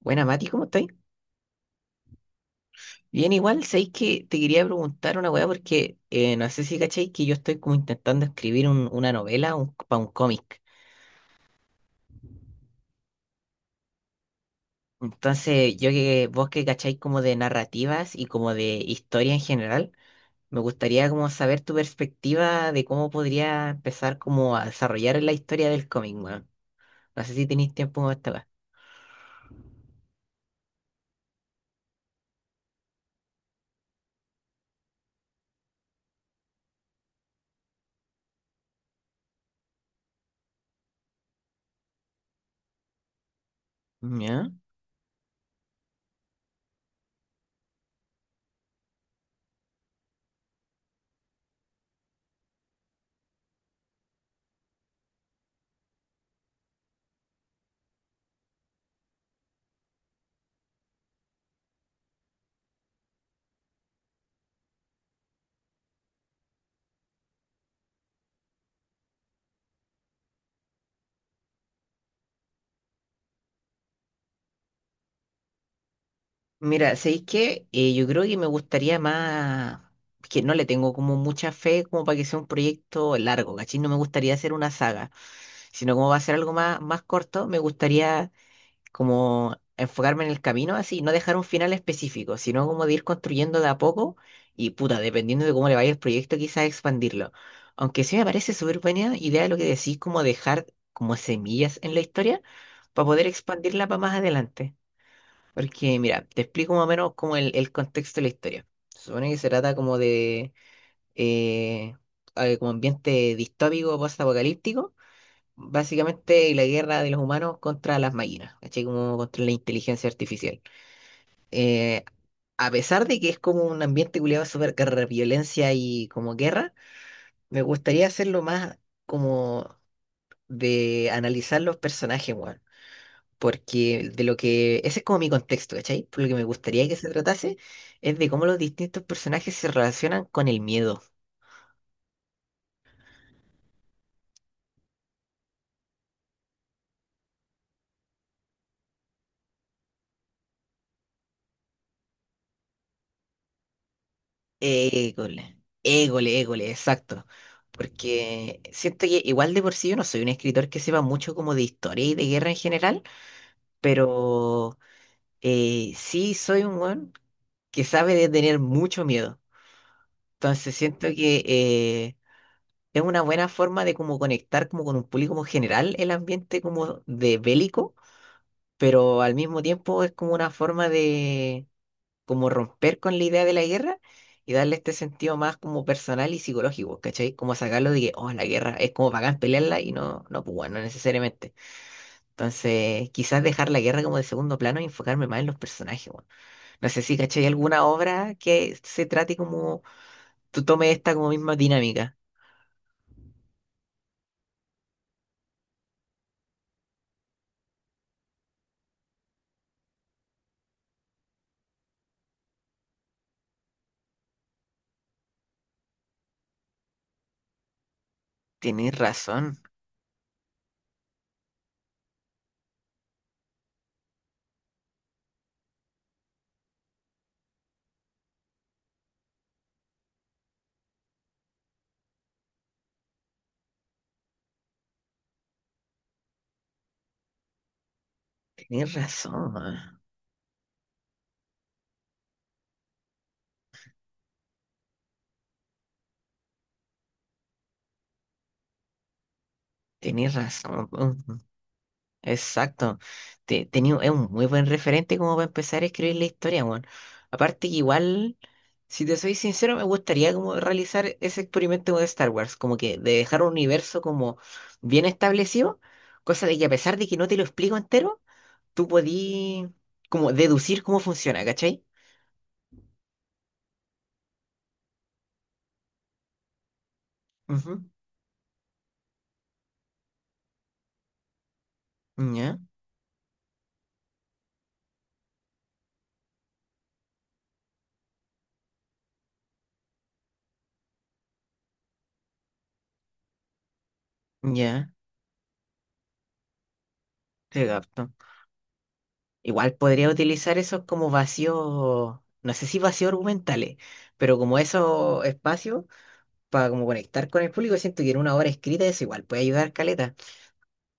Buena, Mati, ¿cómo estáis? Bien, igual, sabéis que te quería preguntar una weá porque no sé si cacháis que yo estoy como intentando escribir una novela para un cómic. Entonces, yo que vos que cacháis como de narrativas y como de historia en general, me gustaría como saber tu perspectiva de cómo podría empezar como a desarrollar la historia del cómic, weón. No sé si tenéis tiempo para esta weá. ¿Ya? Mira, ¿sabéis qué? Yo creo que me gustaría más, que no le tengo como mucha fe como para que sea un proyecto largo, ¿cachai? No me gustaría hacer una saga, sino como va a ser algo más, más corto, me gustaría como enfocarme en el camino así, no dejar un final específico, sino como de ir construyendo de a poco y puta, dependiendo de cómo le vaya el proyecto, quizás expandirlo. Aunque sí me parece súper buena idea lo que decís, como dejar como semillas en la historia para poder expandirla para más adelante. Porque, mira, te explico más o menos como el contexto de la historia. Se supone que se trata como de eh, como ambiente distópico, post-apocalíptico, básicamente la guerra de los humanos contra las máquinas, ¿cachai? Como contra la inteligencia artificial. Eh, a pesar de que es como un ambiente culiado súper guerra, violencia y como guerra, me gustaría hacerlo más como de analizar los personajes, weón, porque de lo que, ese es como mi contexto, ¿cachai? Por lo que me gustaría que se tratase es de cómo los distintos personajes se relacionan con el miedo. Égole, égole, égole, exacto. Porque siento que igual de por sí yo no soy un escritor que sepa mucho como de historia y de guerra en general, pero sí soy un weón que sabe de tener mucho miedo. Entonces siento que es una buena forma de como conectar como con un público como general el ambiente como de bélico, pero al mismo tiempo es como una forma de como romper con la idea de la guerra y darle este sentido más como personal y psicológico, ¿cachai? Como sacarlo de que, oh, la guerra es como bacán pelearla y no, no, pues bueno, no necesariamente. Entonces, quizás dejar la guerra como de segundo plano y enfocarme más en los personajes, weón. No sé si, ¿cachai? ¿Alguna obra que se trate como tú tomes esta como misma dinámica? Tenés razón, tenés razón, weón. Tenés razón. Exacto. Tenía, es un muy buen referente como para empezar a escribir la historia, weón. Aparte que igual, si te soy sincero, me gustaría como realizar ese experimento de Star Wars, como que de dejar un universo como bien establecido, cosa de que a pesar de que no te lo explico entero, tú podí como deducir cómo funciona, ¿cachai? Ujú. Ya, ya, te capto. Igual podría utilizar esos como vacíos, no sé si vacíos argumentales, pero como esos espacios para como conectar con el público, siento que en una obra escrita es igual, puede ayudar Caleta,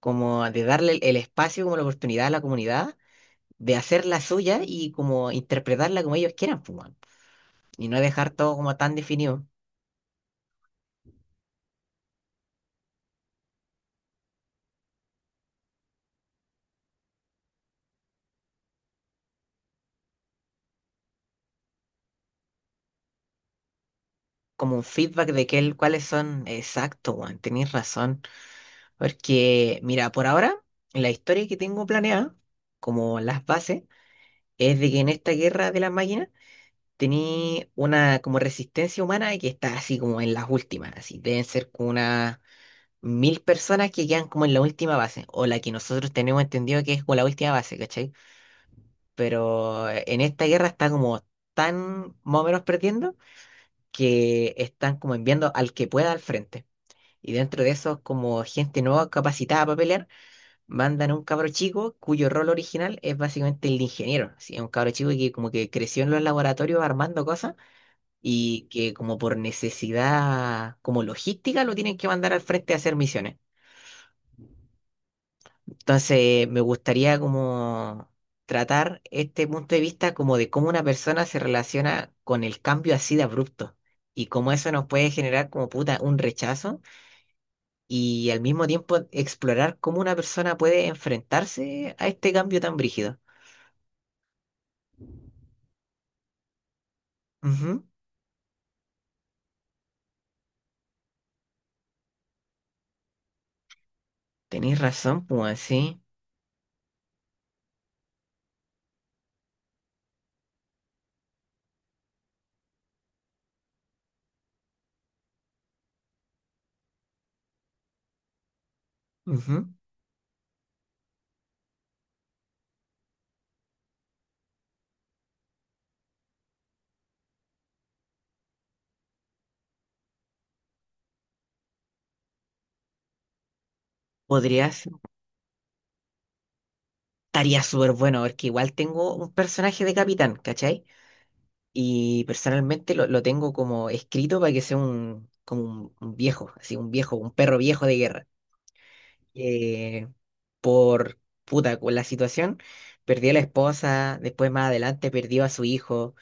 como de darle el espacio, como la oportunidad a la comunidad de hacer la suya y como interpretarla como ellos quieran, pues, weón. Y no dejar todo como tan definido, como un feedback de que el- cuáles son, exacto, Juan, tenéis razón, porque mira, por ahora, la historia que tengo planeada, como las bases, es de que en esta guerra de las máquinas, tenía una como resistencia humana que está así como en las últimas, así deben ser como una mil personas que quedan como en la última base, o la que nosotros tenemos entendido que es como la última base, ¿cachai? Pero en esta guerra está como tan más o menos perdiendo que están como enviando al que pueda al frente. Y dentro de eso, como gente nueva capacitada para pelear, mandan a un cabro chico cuyo rol original es básicamente el de ingeniero. Así, es un cabro chico que como que creció en los laboratorios armando cosas y que como por necesidad como logística lo tienen que mandar al frente a hacer misiones. Entonces, me gustaría como tratar este punto de vista como de cómo una persona se relaciona con el cambio así de abrupto y cómo eso nos puede generar como puta un rechazo y al mismo tiempo explorar cómo una persona puede enfrentarse a este cambio tan brígido. Ujú. Tenéis razón, pues así. Ujú. Podría ser- Estaría súper bueno porque igual tengo un personaje de capitán, ¿cachai? Y personalmente lo tengo como escrito para que sea un viejo, así un viejo, un perro viejo de guerra. Eh, por puta, con la situación, perdió a la esposa, después más adelante perdió a su hijo,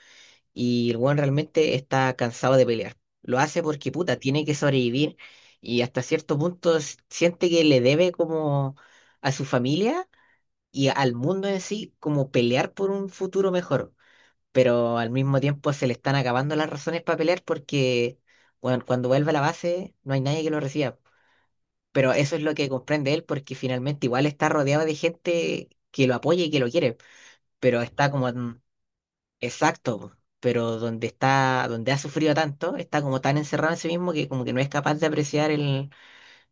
y el weón realmente está cansado de pelear. Lo hace porque puta, tiene que sobrevivir y hasta cierto punto siente que le debe como a su familia y al mundo en sí como pelear por un futuro mejor, pero al mismo tiempo se le están acabando las razones para pelear porque, bueno, cuando vuelve a la base no hay nadie que lo reciba. Pero eso es lo que comprende él porque finalmente igual está rodeado de gente que lo apoya y que lo quiere, pero está como exacto, po, pero donde está, donde ha sufrido tanto, está como tan encerrado en sí mismo que como que no es capaz de apreciar el,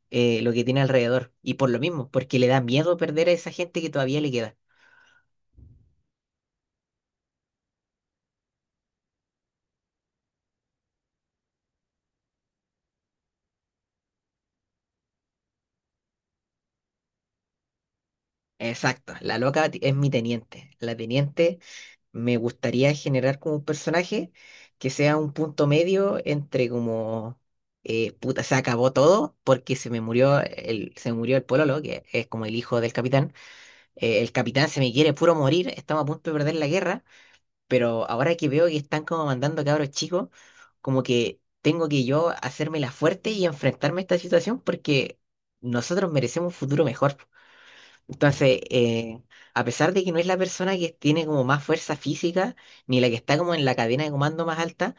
lo que tiene alrededor. Y por lo mismo, porque le da miedo perder a esa gente que todavía le queda. Exacto, la loca es mi teniente. La teniente, me gustaría generar como un personaje que sea un punto medio entre como puta, se acabó todo porque se me murió el pololo, que es como el hijo del capitán. El capitán se me quiere puro morir, estamos a punto de perder la guerra, pero ahora que veo que están como mandando cabros chicos, como que tengo que yo hacerme la fuerte y enfrentarme a esta situación porque nosotros merecemos un futuro mejor. Entonces, a pesar de que no es la persona que tiene como más fuerza física, ni la que está como en la cadena de comando más alta,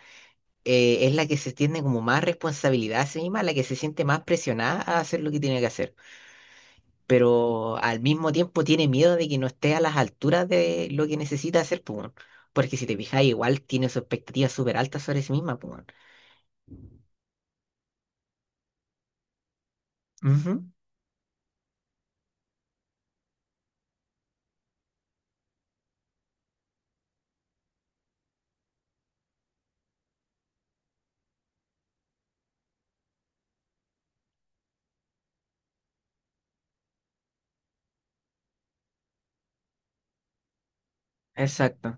es la que se tiene como más responsabilidad a sí misma, la que se siente más presionada a hacer lo que tiene que hacer. Pero al mismo tiempo tiene miedo de que no esté a las alturas de lo que necesita hacer, pues, weón. Porque si te fijas, igual tiene sus expectativas súper altas sobre sí misma, pues, weón. Ujú. Exacto.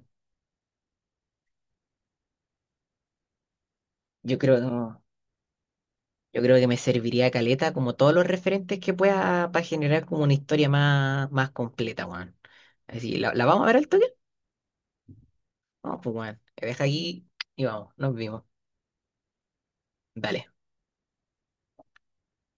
Yo creo, Yo creo que me serviría caleta como todos los referentes que pueda para generar como una historia más, más completa, weón. Así, ¿la vamos a ver al toque? Vamos, pues, weón. Me deja aquí y vamos, nos vimos. Dale.